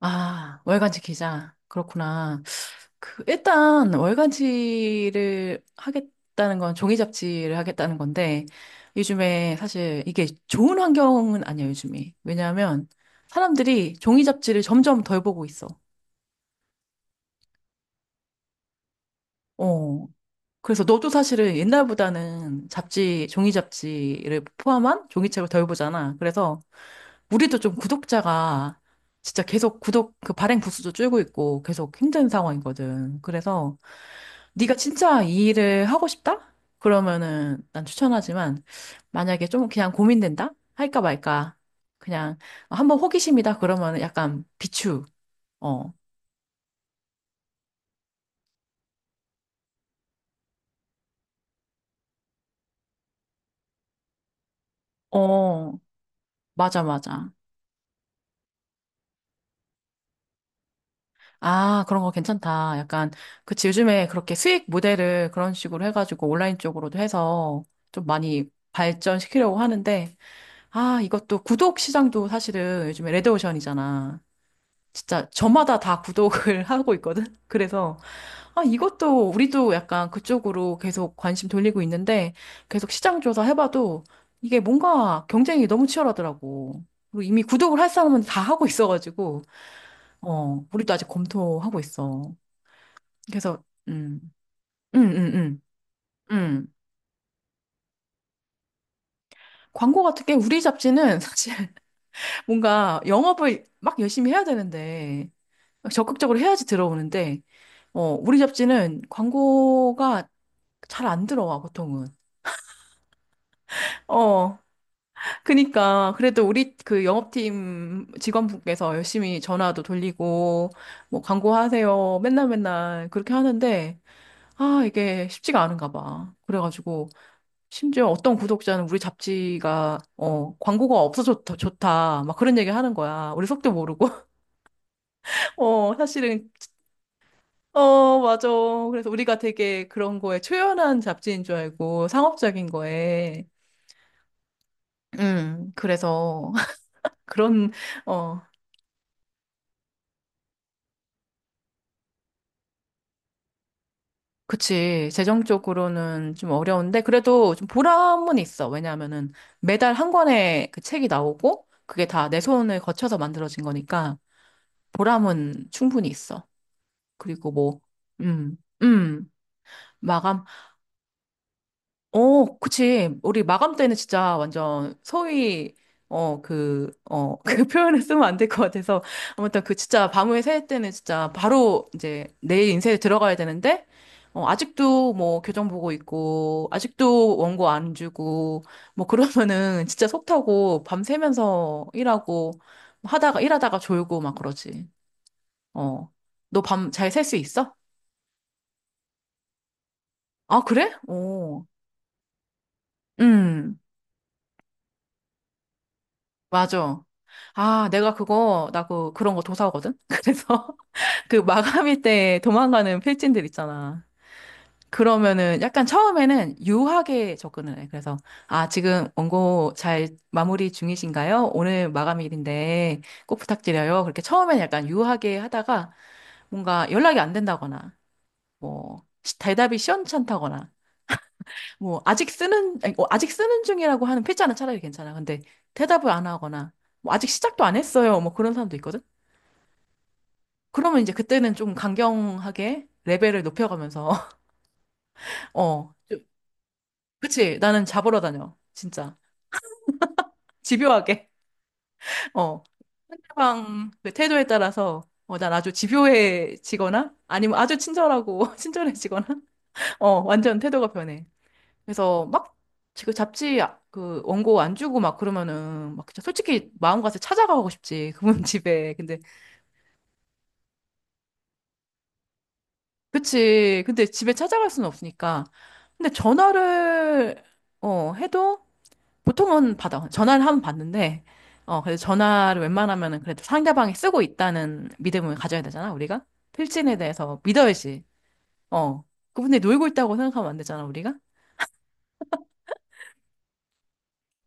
아, 월간지 기자. 그렇구나. 일단, 월간지를 하겠다는 건 종이 잡지를 하겠다는 건데, 요즘에 사실 이게 좋은 환경은 아니야, 요즘이. 왜냐하면 사람들이 종이 잡지를 점점 덜 보고 있어. 어. 그래서 너도 사실은 옛날보다는 잡지, 종이 잡지를 포함한 종이책을 덜 보잖아. 그래서 우리도 좀 구독자가 진짜 계속 그 발행 부수도 줄고 있고 계속 힘든 상황이거든. 그래서 네가 진짜 이 일을 하고 싶다? 그러면은 난 추천하지만, 만약에 좀 그냥 고민된다? 할까 말까? 그냥 한번 호기심이다 그러면은 약간 비추. 어. 어. 맞아, 맞아. 아, 그런 거 괜찮다. 약간 그치, 요즘에 그렇게 수익 모델을 그런 식으로 해 가지고 온라인 쪽으로도 해서 좀 많이 발전시키려고 하는데, 아, 이것도 구독 시장도 사실은 요즘에 레드오션이잖아. 진짜 저마다 다 구독을 하고 있거든. 그래서 아, 이것도 우리도 약간 그쪽으로 계속 관심 돌리고 있는데, 계속 시장 조사 해봐도 이게 뭔가 경쟁이 너무 치열하더라고. 그리고 이미 구독을 할 사람은 다 하고 있어가지고, 우리도 아직 검토하고 있어. 그래서, 음, 음, 음, 음. 광고 같은 게 우리 잡지는 사실 뭔가 영업을 막 열심히 해야 되는데, 적극적으로 해야지 들어오는데, 우리 잡지는 광고가 잘 안 들어와, 보통은. 어. 그니까 그래도 우리 그 영업팀 직원분께서 열심히 전화도 돌리고, 뭐 광고하세요 맨날 맨날 그렇게 하는데, 아, 이게 쉽지가 않은가 봐. 그래가지고 심지어 어떤 구독자는 우리 잡지가 광고가 없어 좋다, 좋다 막 그런 얘기 하는 거야. 우리 속도 모르고. 사실은. 맞아. 그래서 우리가 되게 그런 거에 초연한 잡지인 줄 알고, 상업적인 거에 그래서 그런 어 그치. 재정적으로는 좀 어려운데, 그래도 좀 보람은 있어. 왜냐하면은 매달 한 권의 그 책이 나오고, 그게 다 내 손을 거쳐서 만들어진 거니까, 보람은 충분히 있어. 그리고 뭐, 음, 음, 마감. 그치. 우리 마감 때는 진짜 완전 소위, 그 표현을 쓰면 안 될 것 같아서. 아무튼 그 진짜 밤을 새울 때는 진짜 바로 이제 내일 인쇄에 들어가야 되는데, 아직도 뭐 교정 보고 있고, 아직도 원고 안 주고, 뭐 그러면은 진짜 속 타고 밤새면서 일하고, 일하다가 졸고 막 그러지. 어. 너 밤 잘 셀 수 있어? 아, 그래? 어. 음. 맞아. 아, 내가 그거, 나 그, 그런 거 도사거든? 그래서 그 마감일 때 도망가는 필진들 있잖아. 그러면은 약간 처음에는 유하게 접근을 해. 그래서, 아, 지금 원고 잘 마무리 중이신가요? 오늘 마감일인데 꼭 부탁드려요. 그렇게 처음엔 약간 유하게 하다가 뭔가 연락이 안 된다거나, 뭐, 대답이 시원찮다거나, 뭐 아직 쓰는 아니, 아직 쓰는 중이라고 하는 필자는 차라리 괜찮아. 근데 대답을 안 하거나, 뭐 아직 시작도 안 했어요, 뭐 그런 사람도 있거든. 그러면 이제 그때는 좀 강경하게 레벨을 높여가면서 어 좀- 그치, 나는 잡으러 다녀 진짜. 집요하게. 어 상대방 그 태도에 따라서 난 아주 집요해지거나 아니면 아주 친절하고 친절해지거나 완전 태도가 변해. 그래서 막 지금 그 원고 안 주고 막 그러면은 막 진짜 솔직히 마음 가서 찾아가고 싶지, 그분 집에. 근데 그치, 근데 집에 찾아갈 수는 없으니까. 근데 전화를 해도 보통은 받아, 전화를 하면 받는데, 그래서 전화를 웬만하면은, 그래도 상대방이 쓰고 있다는 믿음을 가져야 되잖아, 우리가. 필진에 대해서 믿어야지. 어 그분이 놀고 있다고 생각하면 안 되잖아, 우리가.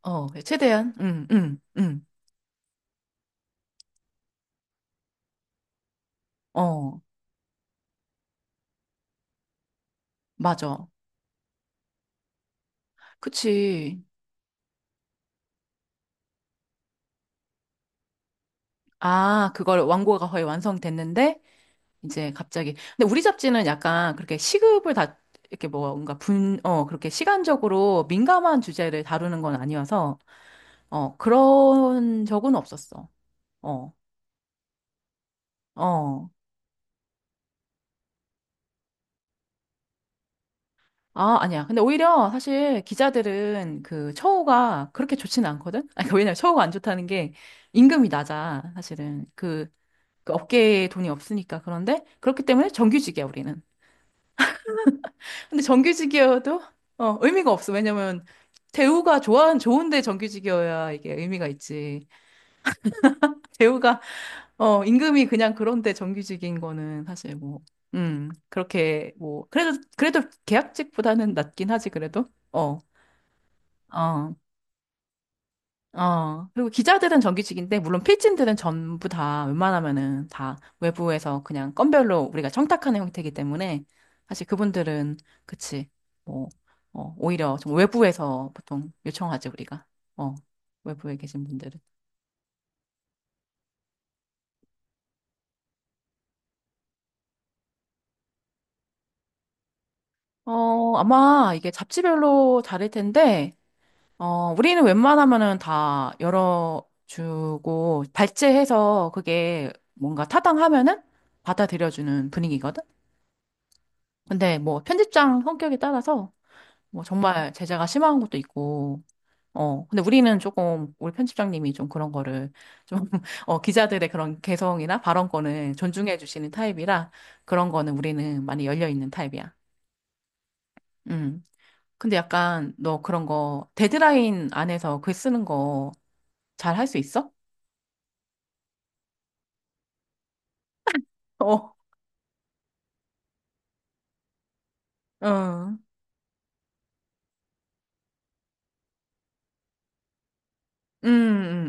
어 최대한 응응응어 맞아. 그치. 아, 그걸 완고가 거의 완성됐는데, 이제 갑자기. 근데 우리 잡지는 약간 그렇게 시급을 이렇게 뭐 뭔가 그렇게 시간적으로 민감한 주제를 다루는 건 아니어서, 그런 적은 없었어. 어, 어. 아, 아니야. 근데 오히려 사실 기자들은 그 처우가 그렇게 좋지는 않거든? 아니, 그러니까 왜냐면 처우가 안 좋다는 게 임금이 낮아, 사실은. 그 업계에 돈이 없으니까. 그런데 그렇기 때문에 정규직이야, 우리는. 근데 정규직이어도 의미가 없어. 왜냐면 대우가 좋아 좋은데, 정규직이어야 이게 의미가 있지. 대우가 임금이 그냥 그런데, 정규직인 거는 사실 뭐 그렇게 뭐 그래도 그래도 계약직보다는 낫긴 하지, 그래도. 어. 어. 그리고 기자들은 정규직인데, 물론 필진들은 전부 다 웬만하면은 다 외부에서 그냥 건별로 우리가 청탁하는 형태이기 때문에, 사실 그분들은, 그치, 뭐, 오히려 좀 외부에서 보통 요청하지, 우리가. 어, 외부에 계신 분들은. 아마 이게 잡지별로 다를 텐데, 우리는 웬만하면은 다 열어주고, 발제해서 그게 뭔가 타당하면은 받아들여주는 분위기거든? 근데 뭐 편집장 성격에 따라서 뭐 정말 제재가 심한 것도 있고, 근데 우리는 조금, 우리 편집장님이 좀 그런 거를 좀, 기자들의 그런 개성이나 발언권을 존중해 주시는 타입이라 그런 거는 우리는 많이 열려 있는 타입이야. 음. 근데 약간 너 그런 거 데드라인 안에서 글 쓰는 거 잘 할 수 있어? 어, 응, 음,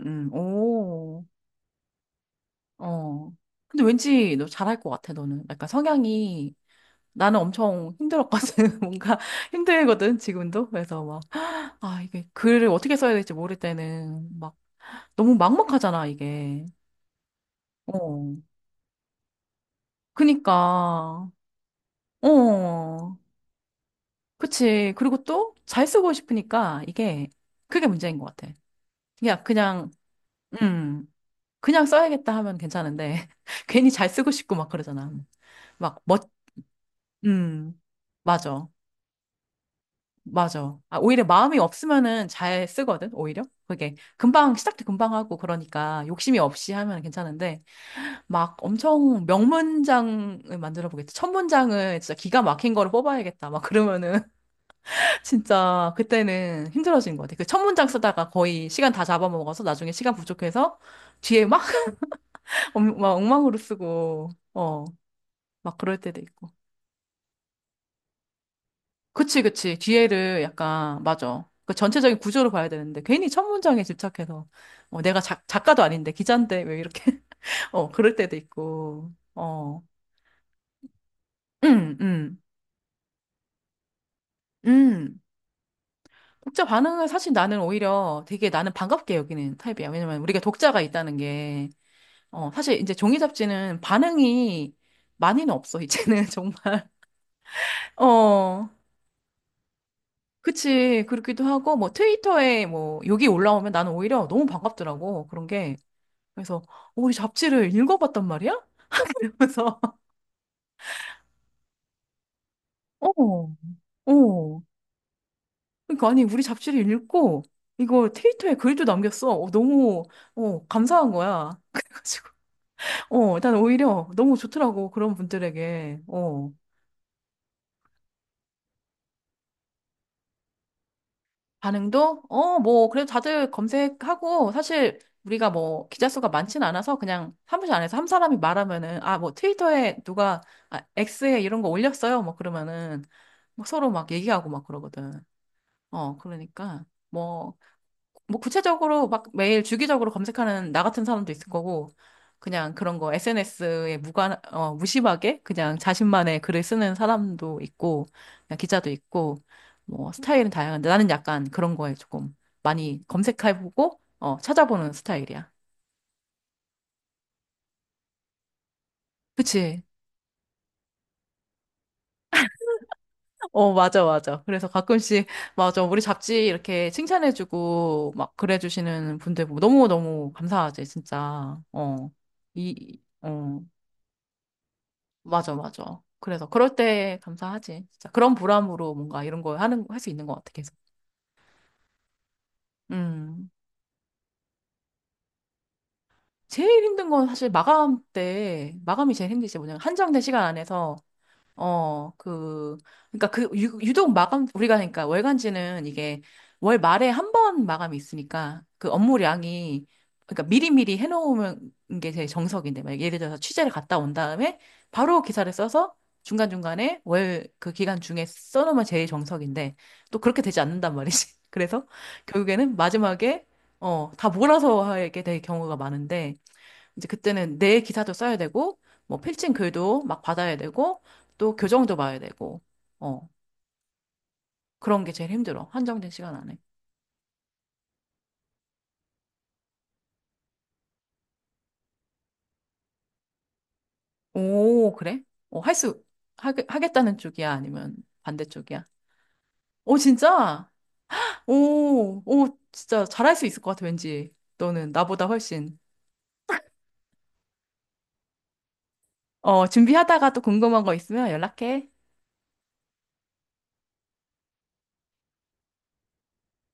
음, 오, 어. 근데 왠지 너 잘할 것 같아, 너는. 약간 성향이. 나는 엄청 힘들었거든. 뭔가 힘들거든, 지금도. 그래서 막, 아, 이게 글을 어떻게 써야 될지 모를 때는 막 너무 막막하잖아, 이게. 어. 그니까, 어. 그치. 그리고 또 잘 쓰고 싶으니까 이게, 그게 문제인 것 같아. 그냥, 그냥, 음, 그냥 써야겠다 하면 괜찮은데, 괜히 잘 쓰고 싶고 막 그러잖아. 막 멋, 음, 맞아. 맞아. 아, 오히려 마음이 없으면은 잘 쓰거든, 오히려. 그게. 금방, 시작도 금방 하고, 그러니까 욕심이 없이 하면 괜찮은데, 막 엄청 명문장을 만들어 보겠다, 천문장을 진짜 기가 막힌 거를 뽑아야겠다, 막 그러면은, 진짜 그때는 힘들어진 것 같아. 그 천문장 쓰다가 거의 시간 다 잡아먹어서 나중에 시간 부족해서 뒤에 막, 막 엉망으로 쓰고, 막 그럴 때도 있고. 그치, 그치. 뒤에를 약간, 맞아. 그 전체적인 구조를 봐야 되는데, 괜히 첫 문장에 집착해서, 내가 작가도 아닌데, 기자인데, 왜 이렇게, 그럴 때도 있고, 음, 음, 음. 독자 반응을 사실 나는 오히려 되게 나는 반갑게 여기는 타입이야. 왜냐면 우리가 독자가 있다는 게, 사실 이제 종이 잡지는 반응이 많이는 없어, 이제는 정말. 어. 그치, 그렇기도 하고, 뭐, 트위터에 뭐, 욕이 올라오면 나는 오히려 너무 반갑더라고. 그런 게, 그래서 우리 잡지를 읽어봤단 말이야? 이러면서. 어. 어 그러니까 아니 우리 잡지를 읽고 이거 트위터에 글도 남겼어. 어, 너무 감사한 거야. 그래가지고 일단 오히려 너무 좋더라고, 그런 분들에게. 반응도 뭐 그래도 다들 검색하고, 사실 우리가 뭐 기자 수가 많진 않아서 그냥 사무실 안에서 한 사람이 말하면은, 아 뭐 트위터에 누가 아, X에 이런 거 올렸어요 뭐 그러면은 막 서로 막 얘기하고 막 그러거든. 그러니까, 뭐, 뭐, 구체적으로 막 매일 주기적으로 검색하는 나 같은 사람도 있을 거고, 그냥 그런 거 SNS에 무심하게 그냥 자신만의 글을 쓰는 사람도 있고, 그냥 기자도 있고, 뭐, 스타일은 다양한데, 나는 약간 그런 거에 조금 많이 검색해보고, 찾아보는 스타일이야. 그치? 어, 맞아, 맞아. 그래서 가끔씩, 맞아. 우리 잡지 이렇게 칭찬해주고, 막, 그래주시는 분들 보고 너무너무 감사하지, 진짜. 이, 어, 맞아, 맞아. 그래서 그럴 때 감사하지, 진짜. 그런 보람으로 뭔가 이런 거 하는, 할 수 있는 것 같아, 계속. 음. 제일 힘든 건 사실 마감 때, 마감이 제일 힘들지, 뭐냐면, 한정된 시간 안에서 어, 그, 그러니까 유독 마감, 우리가, 그러니까 월간지는 이게 월 말에 한 번 마감이 있으니까 그 업무량이, 그러니까 미리미리 해놓으면 게 제일 정석인데, 막 예를 들어서 취재를 갔다 온 다음에 바로 기사를 써서 중간중간에 월 그 기간 중에 써놓으면 제일 정석인데, 또 그렇게 되지 않는단 말이지. 그래서 결국에는 마지막에, 다 몰아서 하게 될 경우가 많은데, 이제 그때는 내 기사도 써야 되고, 뭐 필칭 글도 막 받아야 되고, 또 교정도 봐야 되고, 어, 그런 게 제일 힘들어. 한정된 시간 안에. 오, 그래? 어, 할 수, 하겠다는 쪽이야? 아니면 반대쪽이야? 오, 진짜? 오, 오, 진짜 잘할 수 있을 것 같아, 왠지. 너는 나보다 훨씬. 어, 준비하다가 또 궁금한 거 있으면 연락해.